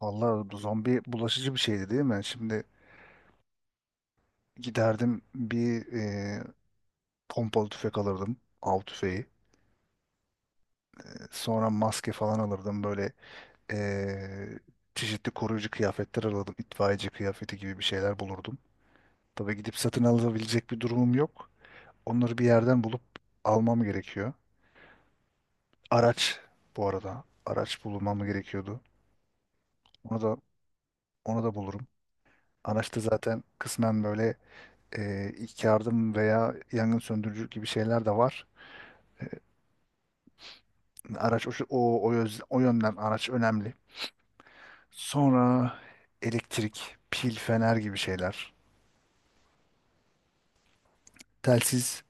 Vallahi bu zombi bulaşıcı bir şeydi, değil mi? Şimdi giderdim, pompalı tüfek alırdım. Av tüfeği. E, Sonra maske falan alırdım. Böyle e, çeşitli koruyucu kıyafetler alırdım. İtfaiyeci kıyafeti gibi bir şeyler bulurdum. Tabii gidip satın alabilecek bir durumum yok. Onları bir yerden bulup almam gerekiyor. Araç bu arada. Araç bulmam gerekiyordu. Onu da onu da bulurum. Araçta zaten kısmen böyle ilk yardım veya yangın söndürücü gibi şeyler de var. Araç o yönden araç önemli. Sonra elektrik, pil, fener gibi şeyler. Telsiz.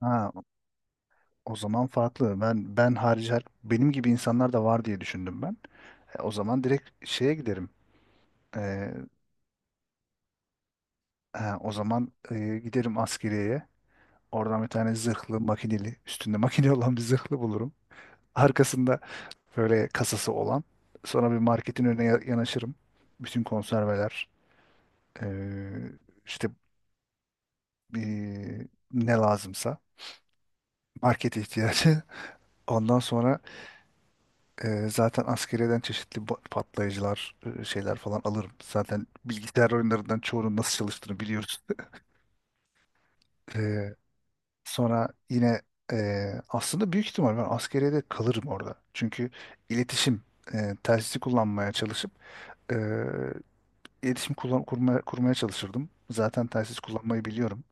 Ha, o zaman farklı. Ben harici benim gibi insanlar da var diye düşündüm ben. O zaman direkt şeye giderim. E, ha, o zaman giderim askeriyeye. Oradan bir tane zırhlı, makineli, üstünde makine olan bir zırhlı bulurum. Arkasında böyle kasası olan. Sonra bir marketin önüne yanaşırım. Bütün konserveler, e, işte eee, ne lazımsa market ihtiyacı. Ondan sonra zaten askeriyeden çeşitli patlayıcılar, şeyler falan alırım. Zaten bilgisayar oyunlarından çoğunun nasıl çalıştığını biliyoruz. Eee, Sonra yine aslında büyük ihtimal ben askeriyede kalırım orada. Çünkü iletişim, telsizi kullanmaya çalışıp eee, iletişim kurmaya, kurmaya çalışırdım. Zaten telsiz kullanmayı biliyorum.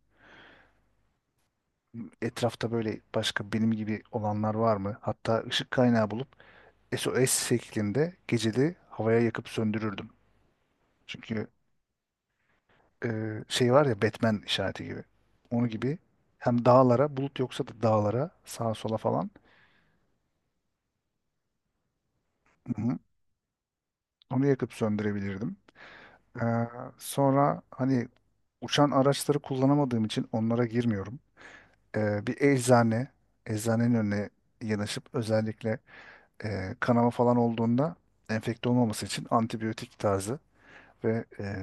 Etrafta böyle başka benim gibi olanlar var mı? Hatta ışık kaynağı bulup SOS şeklinde geceli havaya yakıp söndürürdüm. Çünkü e, şey var ya, Batman işareti gibi. Onu gibi hem dağlara, bulut yoksa da dağlara, sağa sola falan, hı hı, onu yakıp söndürebilirdim. Ee, Sonra hani uçan araçları kullanamadığım için onlara girmiyorum. Bir eczane, eczanenin önüne yanaşıp özellikle kanama falan olduğunda enfekte olmaması için antibiyotik tarzı ve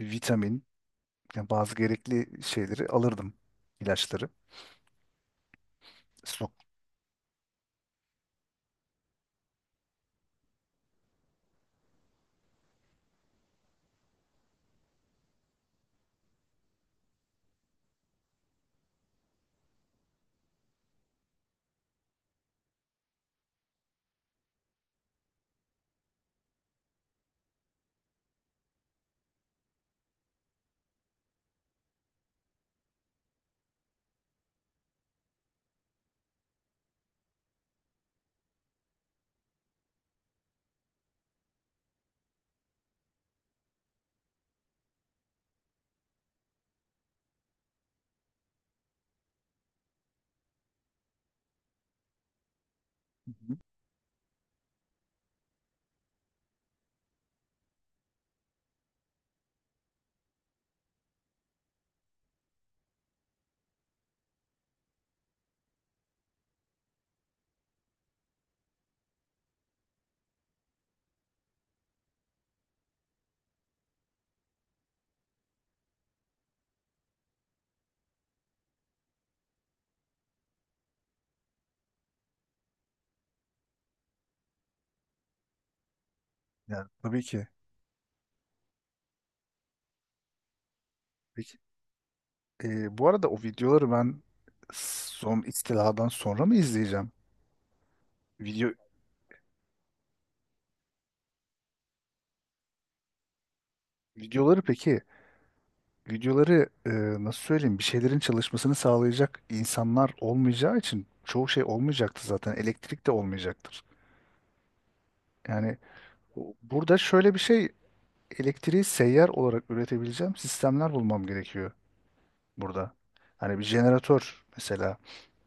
vitamin, yani bazı gerekli şeyleri alırdım. İlaçları. Sok. Hı hı. Yani tabii ki. Peki. Bu arada o videoları ben son istiladan sonra mı izleyeceğim? Video Videoları, peki videoları, nasıl söyleyeyim, bir şeylerin çalışmasını sağlayacak insanlar olmayacağı için çoğu şey olmayacaktı zaten. Elektrik de olmayacaktır. Yani burada şöyle bir şey, elektriği seyyar olarak üretebileceğim sistemler bulmam gerekiyor burada. Hani bir jeneratör mesela,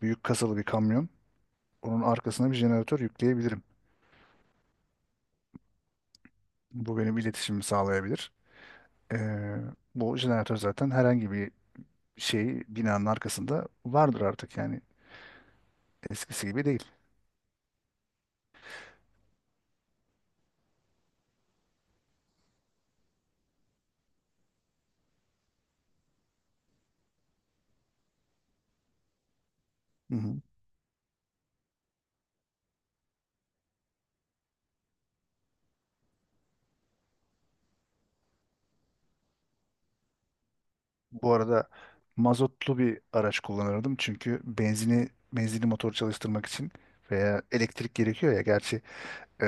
büyük kasalı bir kamyon. Onun arkasına bir jeneratör yükleyebilirim. Bu benim iletişimimi sağlayabilir. Ee, Bu jeneratör zaten herhangi bir şey binanın arkasında vardır artık, yani eskisi gibi değil. Hı hı. Bu arada mazotlu bir araç kullanırdım, çünkü benzini, benzinli motor çalıştırmak için veya elektrik gerekiyor ya, gerçi e,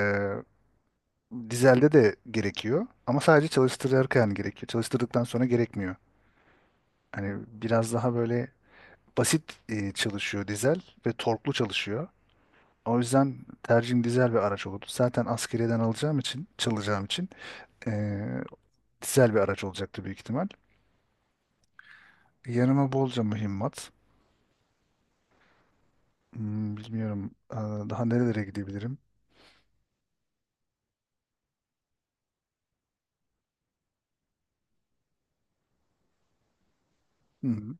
dizelde de gerekiyor ama sadece çalıştırırken gerekiyor. Çalıştırdıktan sonra gerekmiyor. Hani biraz daha böyle basit çalışıyor dizel ve torklu çalışıyor. O yüzden tercihim dizel bir araç oldu. Zaten askeriyeden alacağım için, çalacağım için e, dizel bir araç olacaktı büyük ihtimal. Yanıma bolca mühimmat. Bilmiyorum daha nerelere gidebilirim. Hı hı,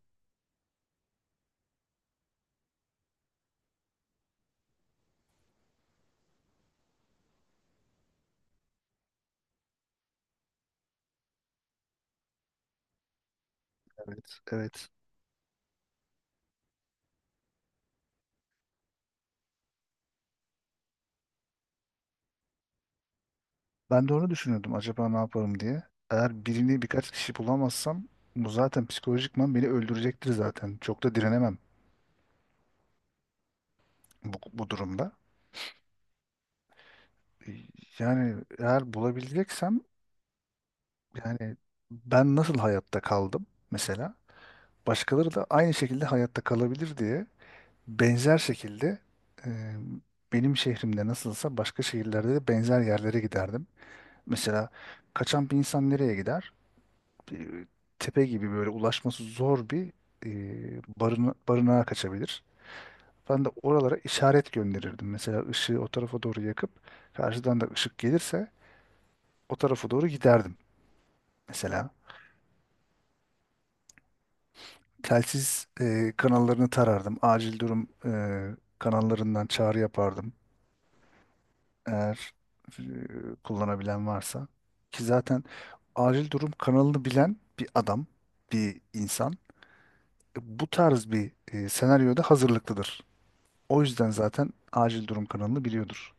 evet, evet. Ben de onu düşünüyordum, acaba ne yaparım diye. Eğer birini, birkaç kişi bulamazsam bu zaten psikolojikman beni öldürecektir zaten. Çok da direnemem bu durumda. Yani eğer bulabileceksem, yani ben nasıl hayatta kaldım mesela, başkaları da aynı şekilde hayatta kalabilir diye, benzer şekilde e, benim şehrimde nasılsa başka şehirlerde de benzer yerlere giderdim. Mesela kaçan bir insan nereye gider? Bir tepe gibi böyle ulaşması zor bir e, barınağa kaçabilir. Ben de oralara işaret gönderirdim. Mesela ışığı o tarafa doğru yakıp, karşıdan da ışık gelirse o tarafa doğru giderdim mesela. Telsiz kanallarını tarardım. Acil durum kanallarından çağrı yapardım. Eğer e, kullanabilen varsa. Ki zaten acil durum kanalını bilen bir adam, bir insan bu tarz bir senaryoda hazırlıklıdır. O yüzden zaten acil durum kanalını biliyordur.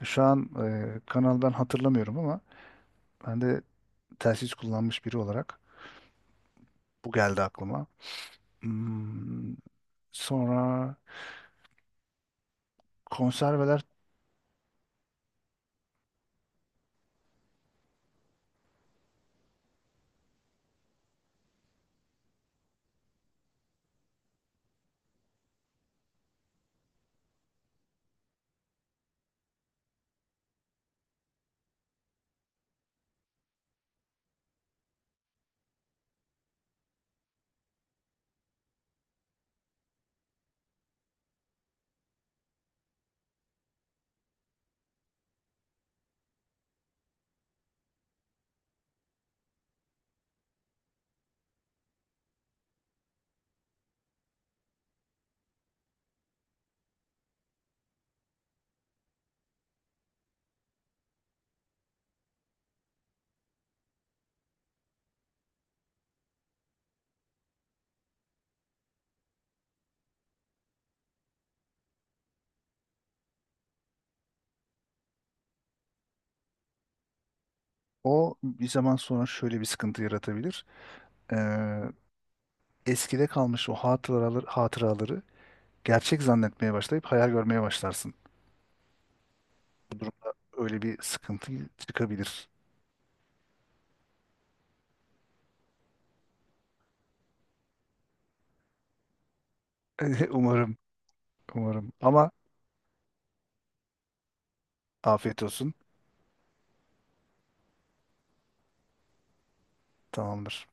Şu an kanal, ben hatırlamıyorum ama ben de telsiz kullanmış biri olarak bu geldi aklıma. Hmm, sonra konserveler. O bir zaman sonra şöyle bir sıkıntı yaratabilir. Ee, Eskide kalmış o hatıraları gerçek zannetmeye başlayıp hayal görmeye başlarsın. Bu durumda öyle bir sıkıntı çıkabilir. Umarım, umarım. Ama afiyet olsun. Tamamdır.